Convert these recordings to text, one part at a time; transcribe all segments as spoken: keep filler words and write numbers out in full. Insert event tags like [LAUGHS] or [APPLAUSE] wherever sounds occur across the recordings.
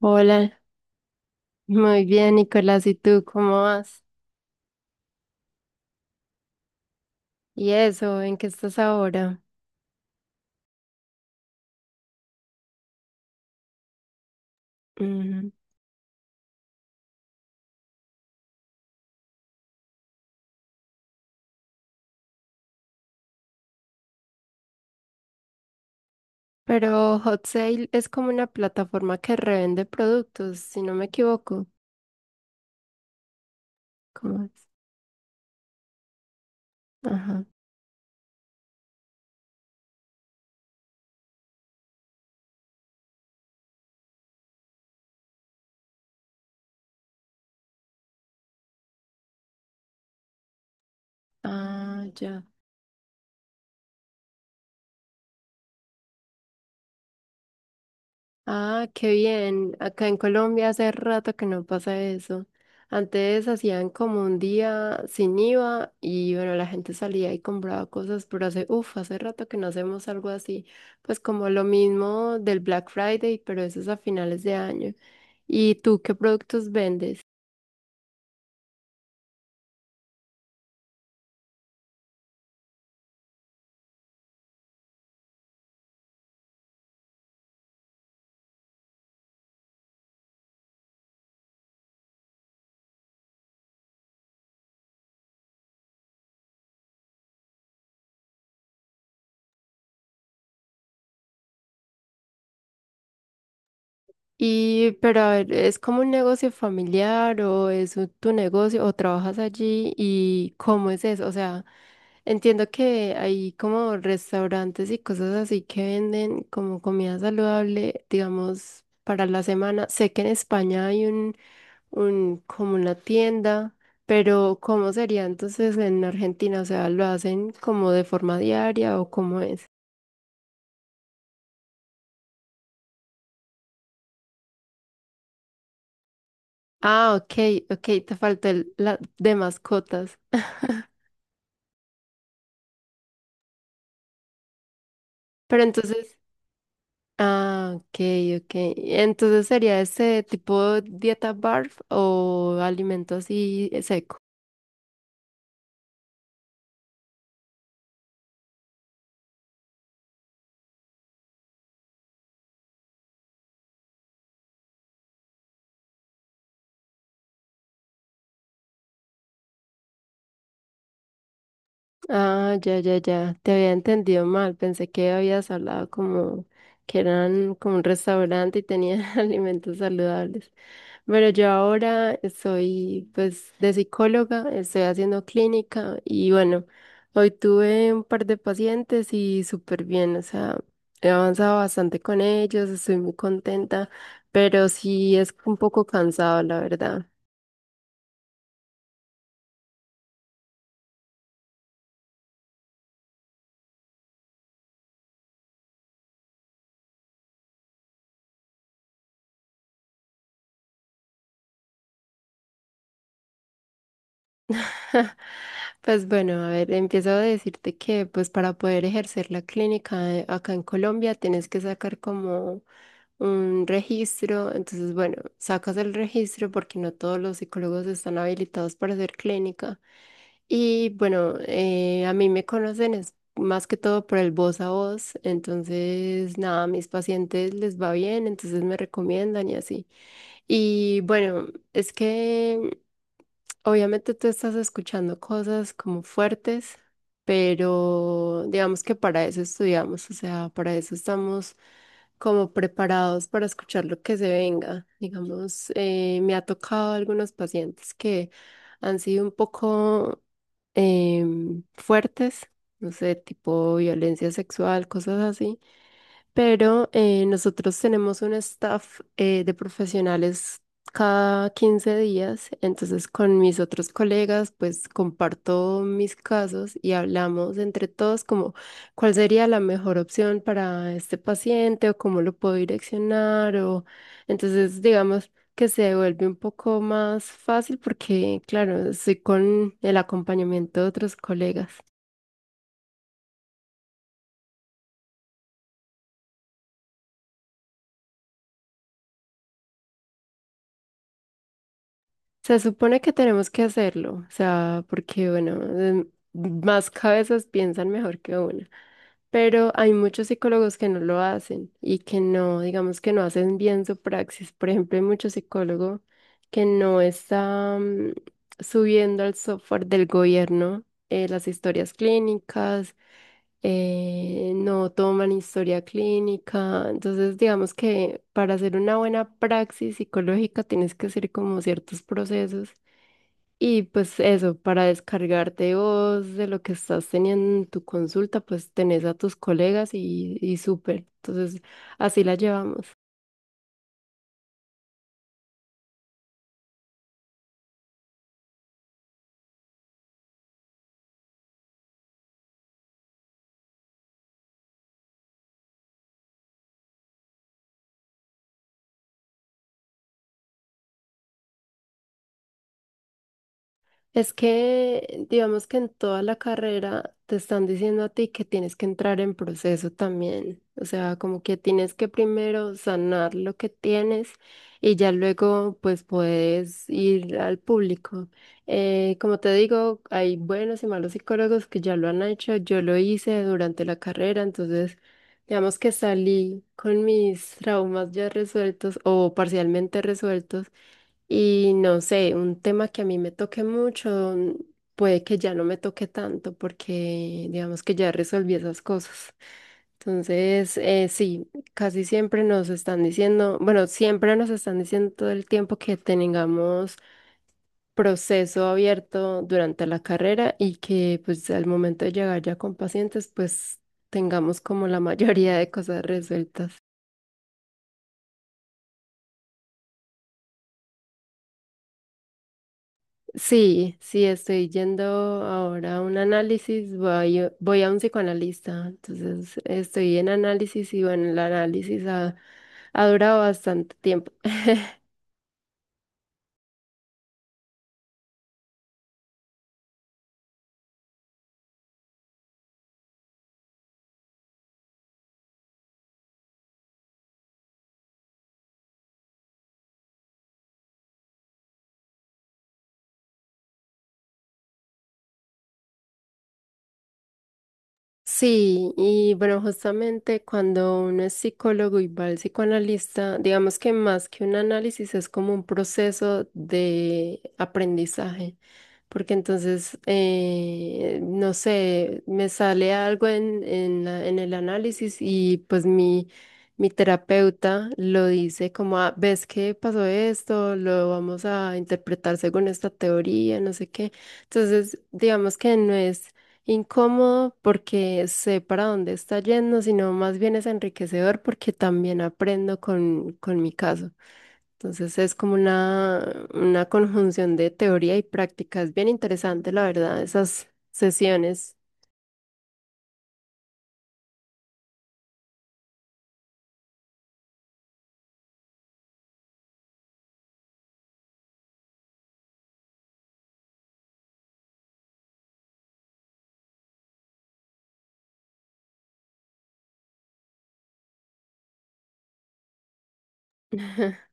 Hola, muy bien, Nicolás. ¿Y tú cómo vas? ¿Y eso? ¿En qué estás ahora? Ujú. Pero Hot Sale es como una plataforma que revende productos, si no me equivoco. ¿Cómo es? Ajá. Ah, ya. Ah, qué bien. Acá en Colombia hace rato que no pasa eso. Antes hacían como un día sin IVA y bueno, la gente salía y compraba cosas, pero hace, uff, hace rato que no hacemos algo así. Pues como lo mismo del Black Friday, pero eso es a finales de año. ¿Y tú qué productos vendes? Y pero a ver, ¿es como un negocio familiar o es un- tu negocio o trabajas allí y cómo es eso? O sea, entiendo que hay como restaurantes y cosas así que venden como comida saludable, digamos, para la semana. Sé que en España hay un, un, como una tienda, pero ¿cómo sería entonces en Argentina? O sea, ¿lo hacen como de forma diaria o cómo es? Ah, ok, ok, te faltó el- la de mascotas. [LAUGHS] Pero entonces, ah, ok, ok. Entonces sería ese tipo dieta barf o alimento así seco. Ah, ya, ya, ya. Te había entendido mal. Pensé que habías hablado como que eran como un restaurante y tenían [LAUGHS] alimentos saludables. Pero yo ahora soy, pues, de psicóloga, estoy haciendo clínica y bueno, hoy tuve un par de pacientes y súper bien, o sea, he avanzado bastante con ellos, estoy muy contenta, pero sí es un poco cansado, la verdad. [LAUGHS] Pues bueno, a ver, empiezo a decirte que pues para poder ejercer la clínica eh, acá en Colombia tienes que sacar como un registro, entonces bueno, sacas el registro porque no todos los psicólogos están habilitados para hacer clínica y bueno, eh, a mí me conocen es más que todo por el voz a voz, entonces nada, a mis pacientes les va bien, entonces me recomiendan y así. Y bueno, es que obviamente tú estás escuchando cosas como fuertes, pero digamos que para eso estudiamos, o sea, para eso estamos como preparados para escuchar lo que se venga. Digamos, eh, me ha tocado algunos pacientes que han sido un poco em, fuertes, no sé, tipo violencia sexual, cosas así, pero eh, nosotros tenemos un staff eh, de profesionales cada quince días, entonces con mis otros colegas pues comparto mis casos y hablamos entre todos como cuál sería la mejor opción para este paciente o cómo lo puedo direccionar. O entonces digamos que se vuelve un poco más fácil porque claro, estoy con el acompañamiento de otros colegas. Se supone que tenemos que hacerlo, o sea, porque bueno, em, más cabezas piensan mejor que una, pero hay muchos psicólogos que no lo hacen y que no, digamos que no hacen bien su praxis. Por ejemplo, hay muchos psicólogos que no están subiendo al software del gobierno, eh, las historias clínicas, eh, no toman historia clínica. Entonces, digamos que para hacer una buena praxis psicológica tienes que hacer como ciertos procesos. Y pues eso, para descargarte vos de lo que estás teniendo en tu consulta, pues tenés a tus colegas y, y súper. Entonces, así la llevamos. Es que, digamos que en toda la carrera te están diciendo a ti que tienes que entrar en proceso también. O sea, como que tienes que primero sanar lo que tienes y ya luego pues puedes ir al público. Eh, como te digo, hay buenos y malos psicólogos que ya lo han hecho. Yo lo hice durante la carrera, entonces digamos que salí con mis traumas ya resueltos o parcialmente resueltos. Y no sé, un tema que a mí me toque mucho, mm, puede que ya no me toque tanto porque digamos que ya resolví esas cosas. Entonces, eh, sí, casi siempre nos están diciendo, bueno, siempre nos están diciendo todo el tiempo que tengamos proceso abierto durante la carrera y que pues al momento de llegar ya con pacientes, pues tengamos como la [LAUGHS] mayoría de cosas resueltas. Sí, sí, estoy yendo ahora a un análisis, voy, voy a un psicoanalista, entonces estoy en análisis y bueno, el análisis ha, ha durado bastante tiempo. [LAUGHS] Sí, y bueno, justamente cuando uno es psicólogo y va al psicoanalista, digamos que más que un análisis es como un proceso de aprendizaje, porque entonces, eh, no sé, me sale algo en, en la- en el análisis y pues mi, mi terapeuta lo dice como, "Ah, ¿ves que pasó esto? Lo vamos a interpretar según esta teoría, no sé qué". Entonces, digamos que no es incómodo porque sé para dónde está yendo, sino más bien es enriquecedor porque también aprendo con, con mi caso. Entonces es como una, una conjunción de teoría y práctica. Es bien interesante, la verdad, esas sesiones. [LAUGHS]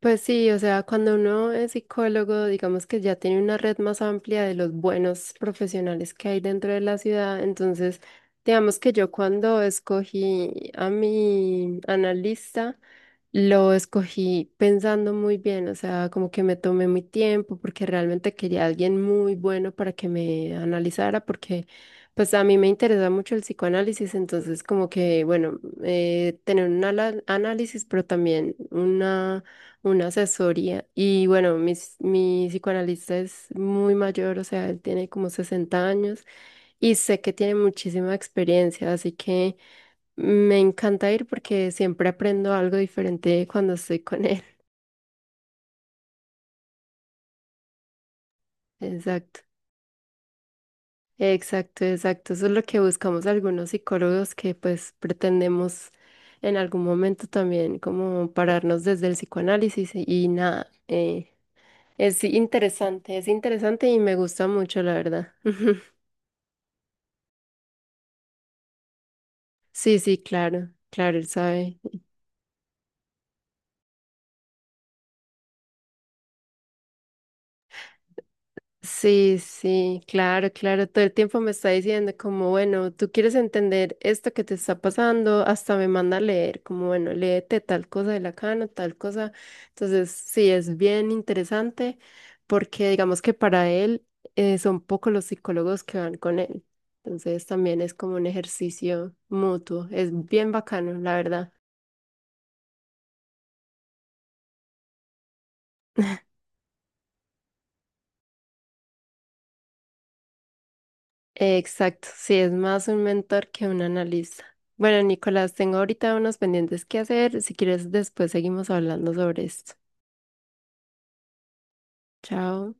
Pues sí, o sea, cuando uno es psicólogo, digamos que ya tiene una red más amplia de los buenos profesionales que hay dentro de la ciudad. Entonces, digamos que yo cuando escogí a mi analista, lo escogí pensando muy bien, o sea, como que me tomé mi tiempo porque realmente quería a alguien muy bueno para que me analizara, porque pues a mí me interesa mucho el psicoanálisis, entonces como que, bueno, eh, tener un ala- análisis, pero también una, una asesoría. Y bueno, mis- mi psicoanalista es muy mayor, o sea, él tiene como sesenta años y sé que tiene muchísima experiencia, así que... Me encanta ir porque siempre aprendo algo diferente cuando estoy con él. [LAUGHS] Exacto, exacto, exacto. Eso es lo que buscamos algunos psicólogos que pues pretendemos en algún momento también como pararnos desde el psicoanálisis y, y nada. Eh, es interesante, es interesante y me gusta mucho, la verdad. [LAUGHS] Sí, sí, claro, claro, él sabe. Sí, sí, claro, claro. Todo el tiempo me está diciendo como, bueno, tú quieres entender esto que te está pasando, hasta me manda a leer, como, bueno, léete tal cosa de Lacano, tal cosa. Entonces, sí, es bien interesante porque digamos que para él eh, son pocos los psicólogos que van con él. Entonces, también es como un ejercicio mutuo. Es bien bacano, la verdad. Exacto, sí, es más un mentor que un analista. Bueno, Nicolás, tengo ahorita unos pendientes que hacer. Si quieres, después seguimos hablando sobre esto. Chao.